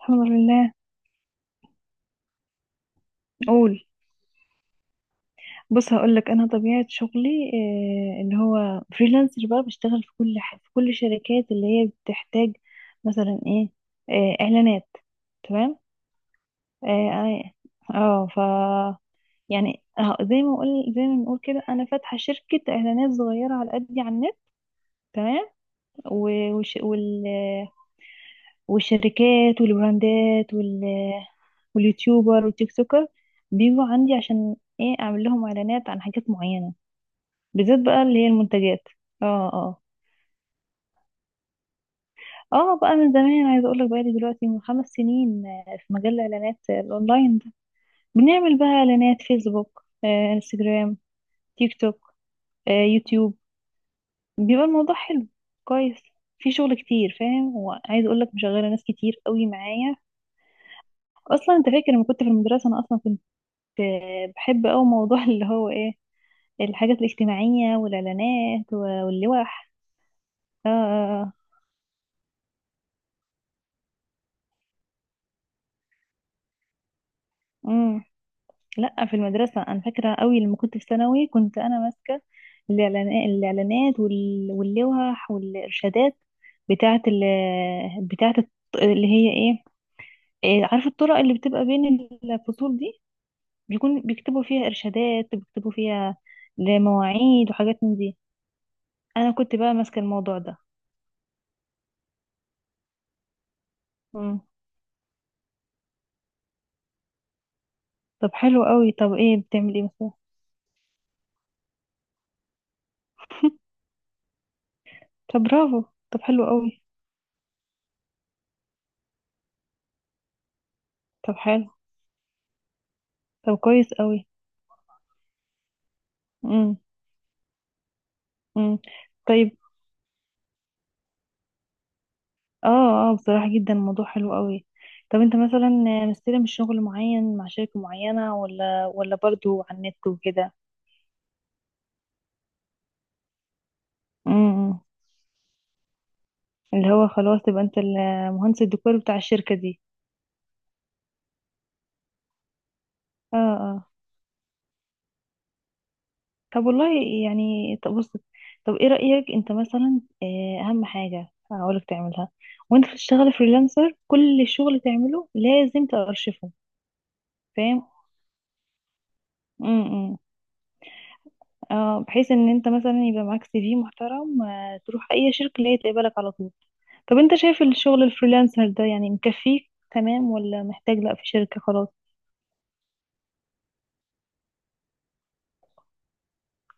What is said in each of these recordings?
الحمد لله. قول. بص، هقول لك انا طبيعه شغلي، اللي هو فريلانسر، بقى بشتغل في في كل الشركات اللي هي بتحتاج. مثلا ايه؟ اعلانات. تمام. اه آه، آه، ف يعني، زي ما بنقول كده، انا فاتحه شركه اعلانات صغيره على قدي على النت. تمام. و- وش... وال... والشركات والبراندات واليوتيوبر والتيك توكر بيجوا عندي، عشان ايه اعمل لهم اعلانات عن حاجات معينه، بالذات بقى اللي هي المنتجات. اه، اه، اه، بقى من زمان عايزه اقول لك، بقالي دلوقتي من 5 سنين في مجال الاعلانات، الاونلاين ده. بنعمل بقى اعلانات فيسبوك، انستجرام، تيك توك، يوتيوب. بيبقى الموضوع حلو، كويس. في شغل كتير، فاهم؟ وعايزه اقول لك، مشغله ناس كتير قوي معايا. اصلا انت فاكر لما كنت في المدرسه؟ انا اصلا كنت بحب قوي موضوع اللي هو ايه، الحاجات الاجتماعيه والاعلانات واللوح. اه، اه، مم. لا، في المدرسة أنا فاكرة قوي لما كنت في ثانوي، كنت أنا ماسكة الإعلانات واللوح والإرشادات بتاعة ال بتاعة الط- اللي هي إيه. عارفة الطرق اللي بتبقى بين الفصول دي، بيكتبوا فيها إرشادات، بيكتبوا فيها لمواعيد وحاجات من دي. أنا كنت بقى ماسكة الموضوع ده. مم. طب حلو قوي. طب إيه بتعمل إيه مثلا؟ طب برافو. طب حلو قوي. طب حلو. طب كويس قوي. امم، امم. طيب. اه، اه، بصراحة جدا الموضوع حلو قوي. طب انت مثلا مستلم شغل معين مع شركة معينة، ولا برضو على النت وكده؟ امم، إمم. اللي هو خلاص تبقى انت المهندس الديكور بتاع الشركة دي. اه، اه. طب والله، يعني طب بص، طب ايه رأيك انت مثلا؟ اهم حاجة هقولك تعملها، وانت بتشتغل فريلانسر، كل شغل تعمله لازم تأرشفه. فاهم. امم، إمم. اه، بحيث ان انت مثلا يبقى معاك CV محترم، تروح اي شركة اللي هي تقبلك على طول. طب انت شايف الشغل الفريلانسر ده يعني مكفيك تمام، ولا محتاج لا، في شركة خلاص؟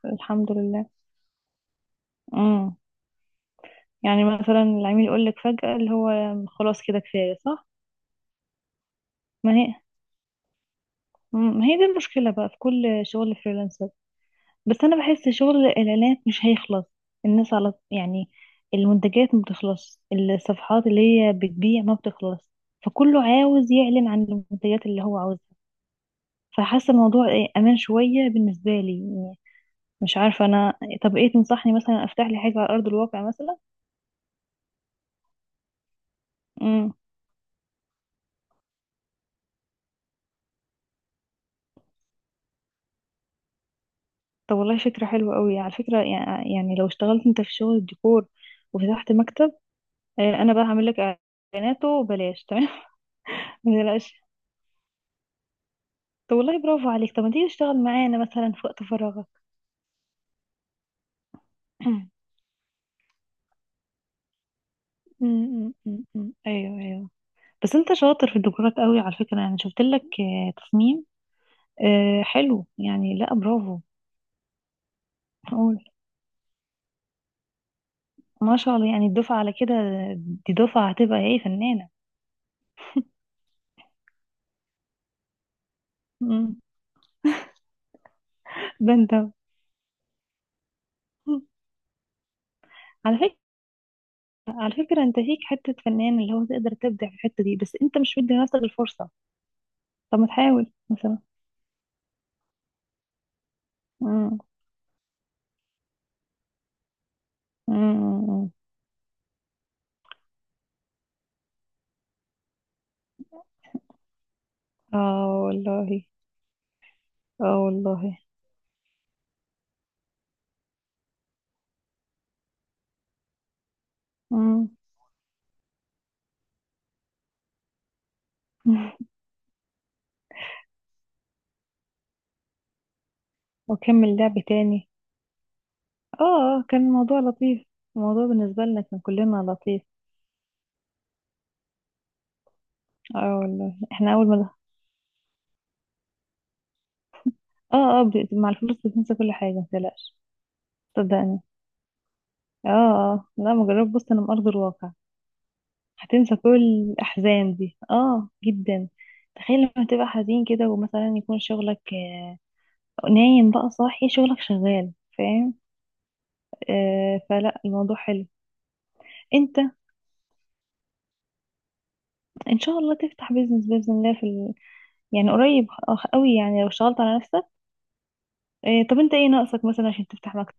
الحمد لله. امم. يعني مثلا العميل يقول لك فجأة اللي هو خلاص كده كفاية، صح؟ ما هي ما هي دي المشكلة بقى في كل شغل فريلانسر. بس انا بحس شغل الاعلانات مش هيخلص. الناس على، يعني، المنتجات ما بتخلص. الصفحات اللي هي بتبيع ما بتخلص. فكله عاوز يعلن عن المنتجات اللي هو عاوزها. فحاسة الموضوع امان شوية بالنسبة لي. مش عارفة أنا. طب إيه تنصحني مثلا؟ أفتح لي حاجة على أرض الواقع مثلا؟ امم. طب والله فكرة حلوة قوي، على فكرة. يعني لو اشتغلت أنت في شغل الديكور وفتحت مكتب، أنا بقى هعمل لك إعلاناته بلاش، تمام. ما تقلقش. طب والله برافو عليك. طب ما تيجي تشتغل معانا مثلا في وقت فراغك؟ أمم، أمم، أمم، أمم. أيوه، أيوه. بس أنت شاطر في الديكورات قوي، على فكرة، يعني شفت لك تصميم، حلو يعني. لا، برافو. قول. ما شاء الله، يعني الدفعة على كده، دي دفعة هتبقى إيه، فنانة. ده انت. على فكرة على فكرة، انت فيك حتة فنان اللي هو تقدر تبدع في الحتة دي، بس انت مش مدي نفسك الفرصة. طب ما تحاول مثلا؟ مم. مم. اه والله. اه والله. مم. وكمل لعب تاني. اه، كان الموضوع لطيف. الموضوع بالنسبة لنا كان كلنا لطيف. اه والله، احنا اول ما. اه، اه، مع الفلوس بتنسى كل حاجة، متقلقش. صدقني. اه، اه، لا، مجرد بص انا من ارض الواقع. هتنسى كل الأحزان دي، اه، جدا. تخيل لما تبقى حزين كده، ومثلا يكون شغلك نايم بقى صاحي شغلك شغال. فاهم؟ فلا الموضوع حلو. انت. ان شاء الله تفتح بيزنس بإذن الله يعني قريب قوي، يعني لو اشتغلت على نفسك. طب انت ايه ناقصك مثلا عشان تفتح مكتب؟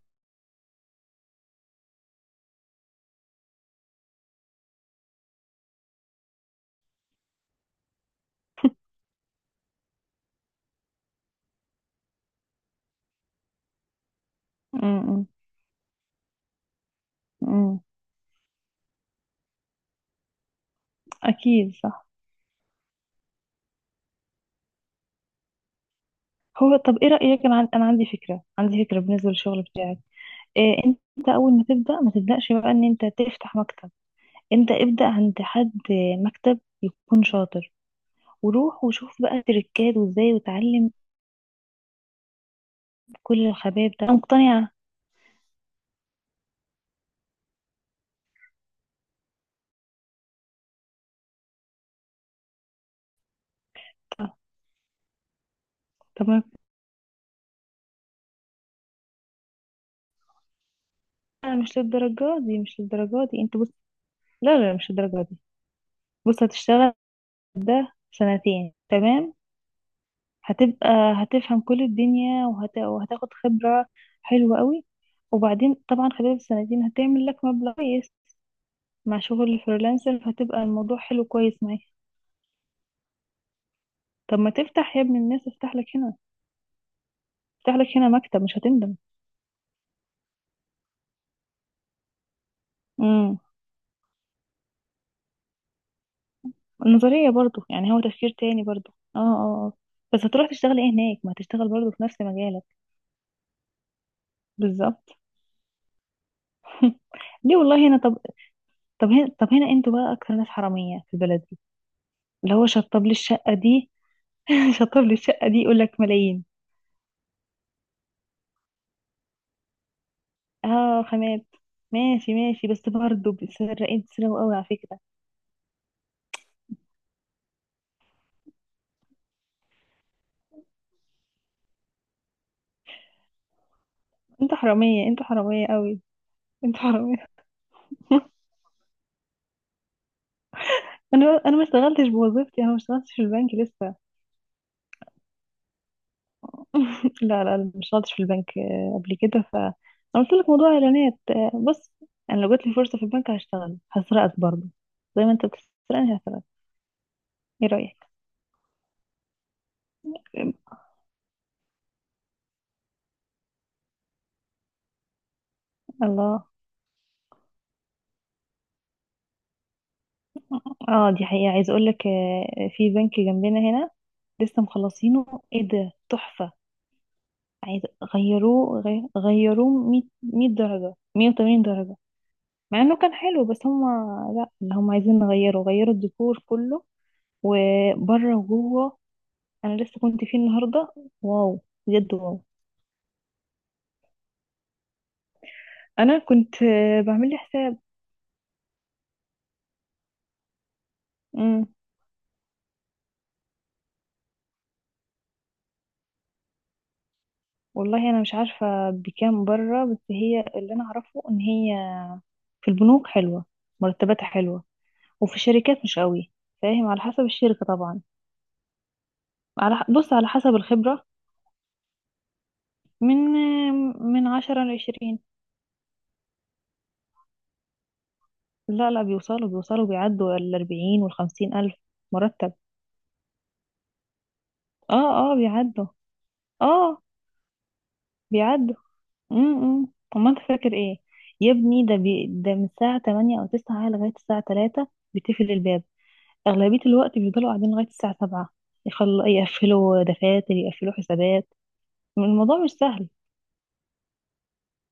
امم. امم. اكيد، صح. هو طب ايه رأيك؟ انا عندي فكرة، بالنسبة للشغل بتاعك. إيه، انت اول ما تبدأ ما تبدأش بقى ان انت تفتح مكتب. انت ابدأ عند حد، مكتب يكون شاطر، وروح وشوف بقى تريكات وازاي، وتعلم كل الخبايا بتاعته. أنا مقتنعة. طب ما أنا مش للدرجة دي، مش للدرجة دي، انت بص. لا، لا، مش للدرجة دي. بص، هتشتغل ده سنتين، تمام. هتبقى هتفهم كل الدنيا وهتاخد خبرة حلوة قوي. وبعدين طبعا خلال السنتين هتعمل لك مبلغ كويس، مع شغل الفريلانسر هتبقى الموضوع حلو كويس معاك. طب ما تفتح يا ابن الناس، افتح لك هنا. افتح لك هنا مكتب، مش هتندم. امم. النظرية برضو، يعني هو تفكير تاني برضو، اه، اه، اه. بس هتروح تشتغل ايه هناك؟ ما تشتغل برضو في نفس مجالك. بالظبط. ليه؟ والله هنا طب. طب هنا انتوا بقى اكتر ناس حرامية في البلد دي. اللي هو شطب لي الشقة دي. شطب لي الشقة دي، يقول لك ملايين. اه، خامات. ماشي ماشي، بس برضو بتسرقين، تسرقوا قوي على فكرة. انتوا حرامية، انتوا حرامية قوي. انتوا حرامية. انا ما اشتغلتش بوظيفتي، انا ما اشتغلتش في البنك لسه. لا، لا اشتغلتش في البنك قبل كده، ف انا قلت لك موضوع اعلانات، بص. انا لو جات لي فرصه في البنك هشتغل، هسرقك برضه، زي ما انت بتسرقني هسرقك. ايه رايك؟ آه، الله. اه، دي حقيقه، عايز اقول لك في بنك جنبنا هنا لسه مخلصينه، ايه ده، تحفه. عايز. غيروه 100 100 درجه، 180 درجه. مع انه كان حلو، بس هم. لا، اللي هم عايزين نغيره، غيروا الديكور كله، وبره وجوه. انا لسه كنت فيه النهارده. واو. بجد، واو. انا كنت بعمل لي حساب. امم. والله انا مش عارفه بكام بره، بس هي اللي انا اعرفه ان هي في البنوك حلوه، مرتباتها حلوه، وفي الشركات مش قوي. فاهم، على حسب الشركه طبعا. بص، على حسب الخبره، من من 10 لعشرين. لا، لا، بيوصلوا بيعدوا 40 والخمسين ألف مرتب. اه، اه، بيعدوا. اه، بيعدوا. امم. امال انت فاكر ايه؟ يا ابني، ده من الساعة 8 او 9 لغاية الساعة 3 بتقفل الباب. اغلبية الوقت بيفضلوا قاعدين لغاية الساعة 7، يقفلوا دفاتر، يقفلوا حسابات. الموضوع مش سهل.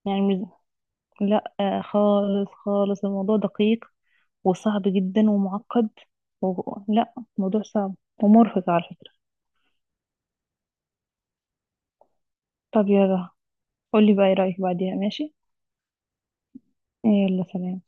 يعني مش. لا، خالص خالص، الموضوع دقيق، وصعب جدا ومعقد، و. لا، الموضوع صعب ومرهق على فكرة. طب يلا. قولي بقى ايه رأيك بعديها، ماشي؟ يلا سلام.